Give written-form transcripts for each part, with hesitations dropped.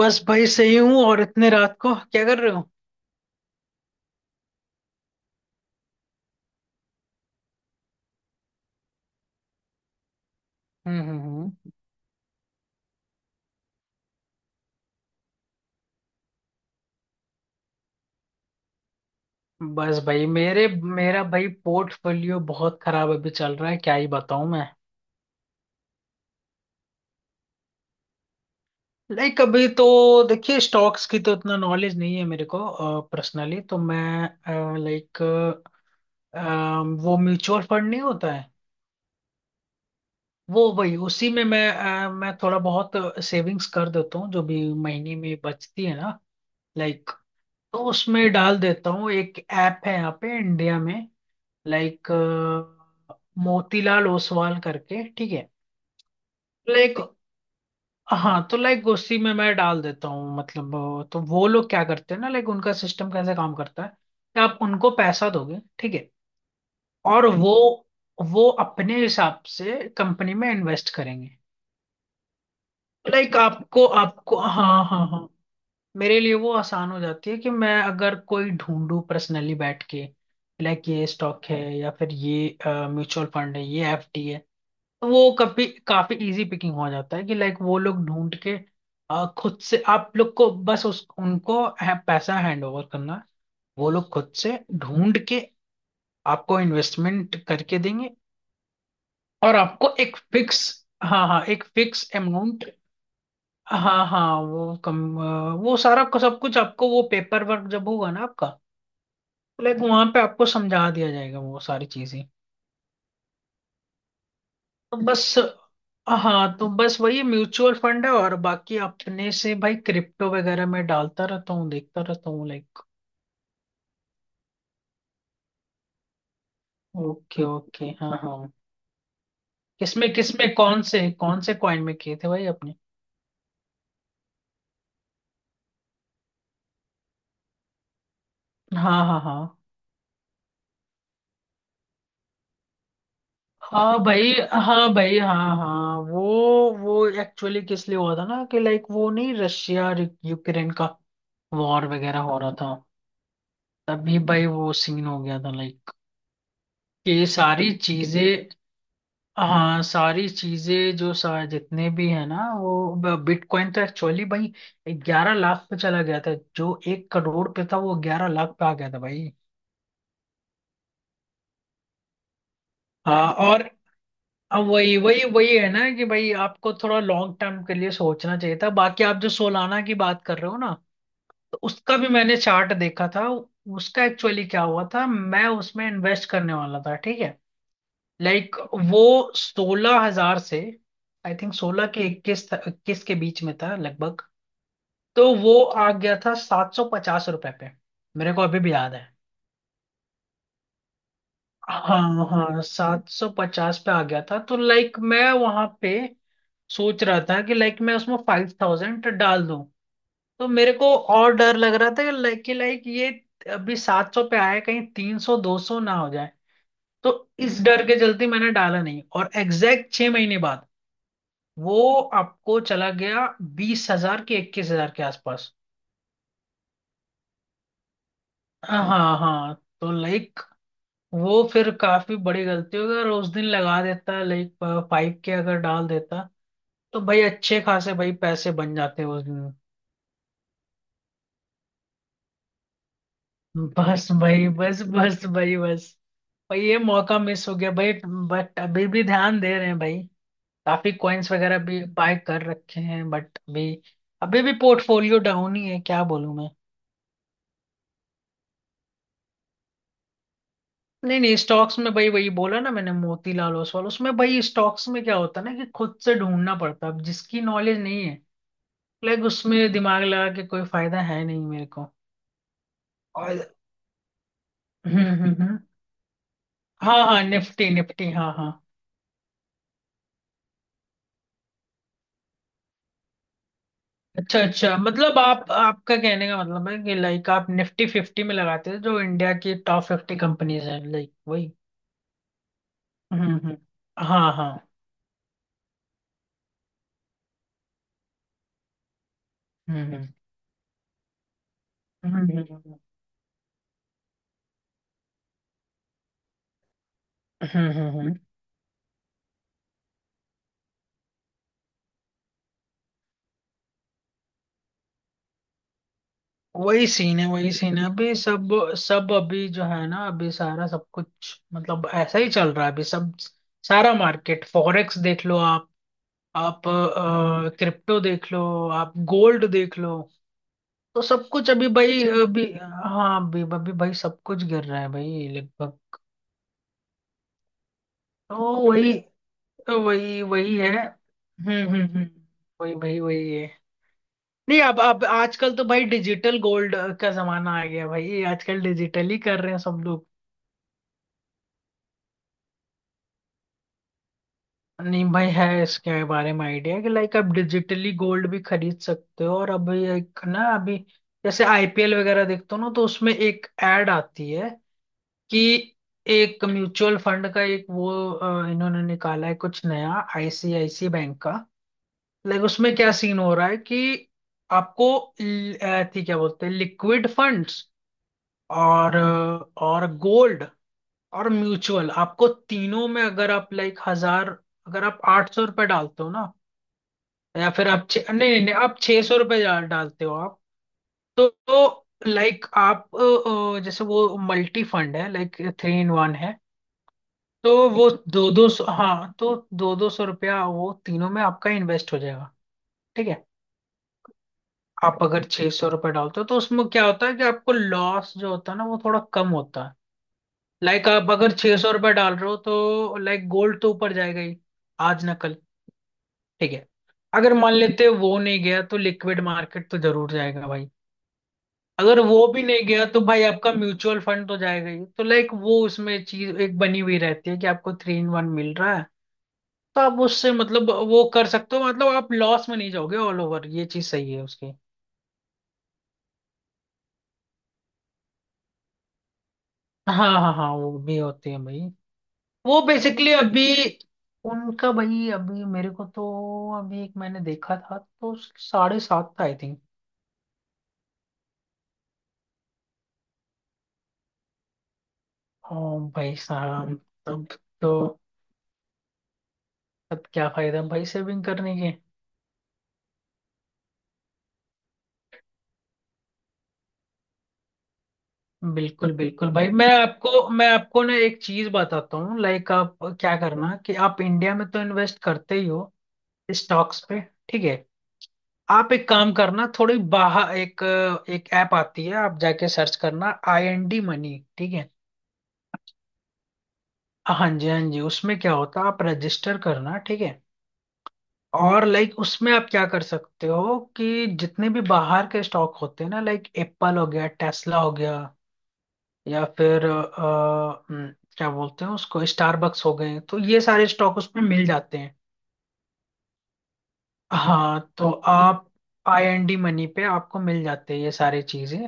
बस भाई सही हूँ। और इतने रात को क्या कर रहे हो? हम्म हम्म हम्म। बस भाई मेरे मेरा भाई पोर्टफोलियो बहुत खराब अभी चल रहा है, क्या ही बताऊं मैं। लाइक अभी तो देखिए स्टॉक्स की तो इतना नॉलेज नहीं है मेरे को। पर्सनली तो मैं लाइक वो म्यूचुअल फंड नहीं होता है? वो भाई उसी में मैं मैं थोड़ा बहुत सेविंग्स कर देता हूँ जो भी महीने में बचती है ना। लाइक तो उसमें डाल देता हूँ। एक ऐप है यहाँ पे इंडिया में, लाइक मोतीलाल ओसवाल करके, ठीक है। लाइक हाँ, तो लाइक उसी में मैं डाल देता हूँ मतलब। तो वो लोग क्या करते हैं ना, लाइक उनका सिस्टम कैसे काम करता है कि आप उनको पैसा दोगे ठीक है। और वो अपने हिसाब से कंपनी में इन्वेस्ट करेंगे। लाइक आपको आपको हाँ हाँ हाँ। मेरे लिए वो आसान हो जाती है कि मैं अगर कोई ढूंढूं पर्सनली बैठ के, लाइक ये स्टॉक है या फिर ये म्यूचुअल फंड है, ये एफडी है। वो कभी काफी इजी पिकिंग हो जाता है कि लाइक वो लोग ढूंढ के, खुद से। आप लोग को बस उस उनको है, पैसा हैंड ओवर करना है। वो लोग खुद से ढूंढ के आपको इन्वेस्टमेंट करके देंगे। और आपको एक फिक्स। हाँ हाँ, एक फिक्स अमाउंट। हाँ हाँ, वो कम वो सारा सब कुछ आपको वो पेपर वर्क जब होगा ना आपका, लाइक वहां पे आपको समझा दिया जाएगा वो सारी चीजें। तो बस, हाँ तो बस वही म्यूचुअल फंड है। और बाकी अपने से भाई क्रिप्टो वगैरह में डालता रहता हूँ, देखता रहता हूँ लाइक। ओके ओके हाँ हाँ। किसमें किसमें कौन से कॉइन में किए थे भाई अपने? हाँ हाँ हाँ। हाँ भाई हाँ भाई हाँ हाँ, वो एक्चुअली किस लिए हुआ था ना, कि लाइक वो नहीं, रशिया और यूक्रेन का वॉर वगैरह हो रहा था। तभी भाई वो सीन हो गया था, लाइक कि ये सारी चीजें। हाँ सारी चीजें, जो सारे जितने भी है ना, वो बिटकॉइन तो एक्चुअली भाई 11 लाख पे चला गया था। जो 1 करोड़ पे था वो 11 लाख पे आ गया था भाई। हाँ। और अब वही वही वही है ना, कि भाई आपको थोड़ा लॉन्ग टर्म के लिए सोचना चाहिए था। बाकी आप जो सोलाना की बात कर रहे हो ना, तो उसका भी मैंने चार्ट देखा था। उसका एक्चुअली क्या हुआ था, मैं उसमें इन्वेस्ट करने वाला था, ठीक है। लाइक वो 16 हज़ार से, आई थिंक 16 के 21 21 के बीच में था लगभग। तो वो आ गया था 750 रुपए पे, मेरे को अभी भी याद है। हाँ हाँ 750 पे आ गया था। तो लाइक मैं वहां पे सोच रहा था कि लाइक मैं उसमें फाइव थाउजेंड डाल दूं। तो मेरे को और डर लग रहा था कि लाइक ये अभी 700 पे आया, कहीं 300 200 ना हो जाए। तो इस डर के चलते मैंने डाला नहीं। और एग्जैक्ट 6 महीने बाद वो आपको चला गया 20 हज़ार के 21 हज़ार के आसपास। हाँ हाँ। तो लाइक वो फिर काफी बड़ी गलती होगी अगर उस दिन लगा देता, लाइक पाइप के अगर डाल देता तो भाई अच्छे खासे भाई पैसे बन जाते उस दिन। बस भाई बस बस भाई बस। भाई ये मौका मिस हो गया भाई, बट अभी भी ध्यान दे रहे हैं भाई। काफी कॉइन्स वगैरह भी बाय कर रखे हैं, बट अभी अभी भी पोर्टफोलियो डाउन ही है, क्या बोलूं मैं। नहीं नहीं, स्टॉक्स में भाई वही बोला ना मैंने, मोतीलाल ओसवाल उसमें। भाई स्टॉक्स में क्या होता है ना, कि खुद से ढूंढना पड़ता है, अब जिसकी नॉलेज नहीं है, लाइक उसमें दिमाग लगा के कोई फायदा है नहीं मेरे को। और हम्म हम्म हम्म। हाँ हाँ निफ्टी निफ्टी हाँ हाँ। अच्छा अच्छा, मतलब आप, आपका कहने का मतलब है कि लाइक आप निफ्टी फिफ्टी में लगाते हैं, जो इंडिया की टॉप फिफ्टी कंपनीज हैं, लाइक वही। हम्म हम्म हम्म। हाँ हाँ। हम्म हम्म हम्म। हम्म। वही सीन है अभी सब। सब अभी जो है ना, अभी सारा सब कुछ मतलब ऐसा ही चल रहा है अभी सब। सारा मार्केट फॉरेक्स देख लो आप क्रिप्टो देख लो, आप गोल्ड देख लो। तो सब कुछ अभी भाई, अच्छा अभी, हाँ अभी अभी भाई सब कुछ गिर रहा है भाई लगभग। तो वही, तो वही वही है हम्म। वही वही वही है। नहीं, अब अब आजकल तो भाई डिजिटल गोल्ड का जमाना आ गया भाई, आजकल डिजिटल ही कर रहे हैं सब लोग। नहीं भाई, है इसके बारे में आइडिया, कि लाइक आप डिजिटली गोल्ड भी खरीद सकते हो। और अभी एक ना, अभी जैसे आईपीएल वगैरह देखते हो ना, तो उसमें एक एड आती है कि एक म्यूचुअल फंड का एक वो इन्होंने निकाला है कुछ नया, आईसीआईसी बैंक का। लाइक उसमें क्या सीन हो रहा है, कि आपको थी क्या बोलते हैं, लिक्विड फंड्स, और और गोल्ड और म्यूचुअल, आपको तीनों में। अगर आप लाइक हजार, अगर आप 800 रुपये डालते हो ना, या फिर आप छे- नहीं नहीं नहीं आप 600 रुपये डालते हो आप, तो लाइक आप जैसे वो मल्टी फंड है, लाइक थ्री इन वन है, तो वो दो दो सौ हाँ तो 200 200 रुपया वो तीनों में आपका इन्वेस्ट हो जाएगा, ठीक है। आप अगर 600 रुपये डालते हो, तो उसमें क्या होता है कि आपको लॉस जो होता है ना, वो थोड़ा कम होता है। लाइक आप अगर 600 रुपये डाल रहे हो, तो लाइक गोल्ड तो ऊपर जाएगा ही आज ना कल, ठीक है। अगर मान लेते हैं वो नहीं गया, तो लिक्विड मार्केट तो जरूर जाएगा भाई। अगर वो भी नहीं गया, तो भाई आपका म्यूचुअल फंड तो जाएगा ही। तो लाइक वो, उसमें चीज एक बनी हुई रहती है कि आपको थ्री इन वन मिल रहा है। तो आप उससे मतलब वो कर सकते हो, मतलब आप लॉस में नहीं जाओगे ऑल ओवर, ये चीज सही है उसकी। हाँ हाँ हाँ, वो भी होती है भाई। वो बेसिकली अभी, उनका भाई अभी मेरे को तो, अभी एक मैंने देखा था तो 7.5 था आई थिंक। ओ भाई साहब, तब तो, तब क्या फायदा भाई सेविंग करने के। बिल्कुल बिल्कुल भाई, मैं आपको ना एक चीज बताता हूँ, लाइक आप क्या करना कि आप इंडिया में तो इन्वेस्ट करते ही हो स्टॉक्स पे, ठीक है। आप एक काम करना, थोड़ी बाहर एक, एक ऐप आती है आप जाके सर्च करना, आई एन डी मनी, ठीक है। हाँ जी हाँ जी, उसमें क्या होता है, आप रजिस्टर करना, ठीक है। और लाइक उसमें आप क्या कर सकते हो कि जितने भी बाहर के स्टॉक होते हैं ना, लाइक एप्पल हो गया, टेस्ला हो गया, या फिर क्या बोलते हैं उसको, स्टारबक्स हो गए, तो ये सारे स्टॉक उसमें मिल जाते हैं। हाँ तो आप, आई एन डी मनी पे आपको मिल जाते हैं ये सारी चीजें।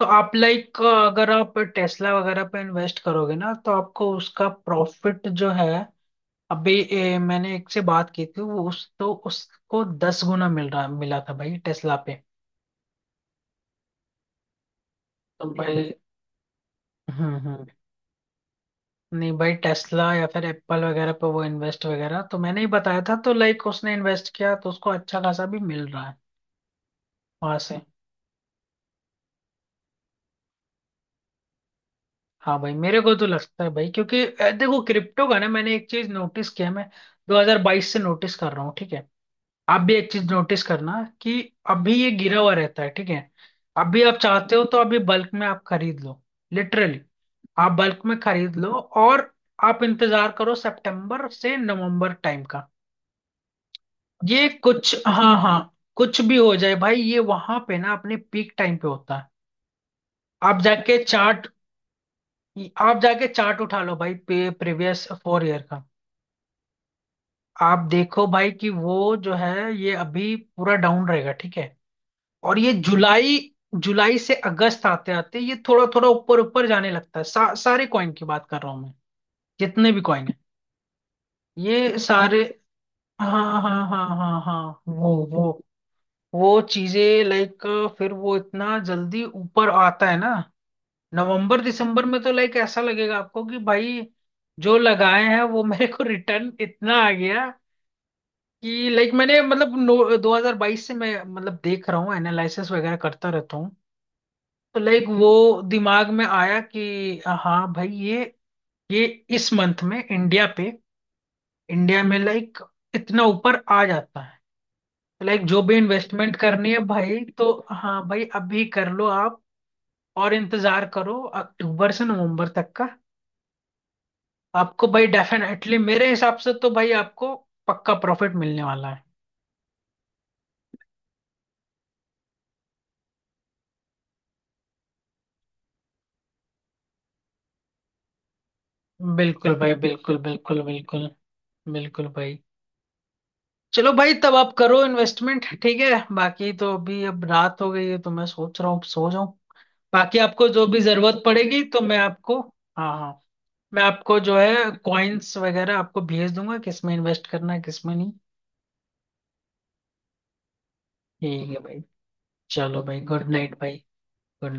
तो आप लाइक अगर आप टेस्ला वगैरह पे इन्वेस्ट करोगे ना, तो आपको उसका प्रॉफिट जो है, अभी मैंने एक से बात की थी, वो उस तो उसको 10 गुना मिला था भाई टेस्ला पे। तो भाई हम्म। नहीं भाई, टेस्ला या फिर एप्पल वगैरह पे वो इन्वेस्ट वगैरह तो मैंने ही बताया था, तो लाइक उसने इन्वेस्ट किया तो उसको अच्छा खासा भी मिल रहा है वहां से। हाँ भाई मेरे को तो लगता है भाई, क्योंकि देखो क्रिप्टो का ना मैंने एक चीज नोटिस किया, मैं 2022 से नोटिस कर रहा हूँ, ठीक है। आप भी एक चीज नोटिस करना, कि अभी ये गिरा हुआ रहता है, ठीक है। अभी आप चाहते हो तो अभी बल्क में आप खरीद लो, लिटरली आप बल्क में खरीद लो। और आप इंतजार करो सितंबर से नवंबर टाइम का। ये कुछ, हाँ हाँ, कुछ भी हो जाए भाई, ये वहां पे ना अपने पीक टाइम पे होता है। आप जाके चार्ट आप जाके चार्ट उठा लो भाई, प्रीवियस फोर ईयर का। आप देखो भाई कि वो जो है, ये अभी पूरा डाउन रहेगा, ठीक है। और ये जुलाई, जुलाई से अगस्त आते आते ये थोड़ा थोड़ा ऊपर ऊपर जाने लगता है, सारे कॉइन की बात कर रहा हूँ मैं, जितने भी कॉइन है ये सारे। हाँ हाँ हाँ हाँ हाँ, वो वो चीजें लाइक, फिर वो इतना जल्दी ऊपर आता है ना नवंबर दिसंबर में, तो लाइक ऐसा लगेगा आपको कि भाई जो लगाए हैं वो मेरे को रिटर्न इतना आ गया। कि लाइक मैंने मतलब नो 2022 से मैं मतलब देख रहा हूँ एनालिसिस वगैरह करता रहता। तो लाइक वो दिमाग में आया कि हाँ भाई ये इस मंथ में इंडिया पे, इंडिया में लाइक इतना ऊपर आ जाता है। तो लाइक जो भी इन्वेस्टमेंट करनी है भाई तो, हाँ भाई अभी कर लो आप। और इंतजार करो अक्टूबर से नवंबर तक का। आपको भाई डेफिनेटली मेरे हिसाब से तो भाई आपको पक्का प्रॉफिट मिलने वाला है। बिल्कुल भाई बिल्कुल बिल्कुल बिल्कुल, बिल्कुल भाई। चलो भाई, तब आप करो इन्वेस्टमेंट, ठीक है। बाकी तो अभी अब रात हो गई है, तो मैं सोच रहा हूँ सो जाऊं। बाकी आपको जो भी जरूरत पड़ेगी तो मैं आपको, हाँ हाँ, मैं आपको जो है कॉइन्स वगैरह आपको भेज दूंगा, किस में इन्वेस्ट करना है किस में नहीं। ठीक है भाई, चलो भाई, गुड नाइट भाई। Good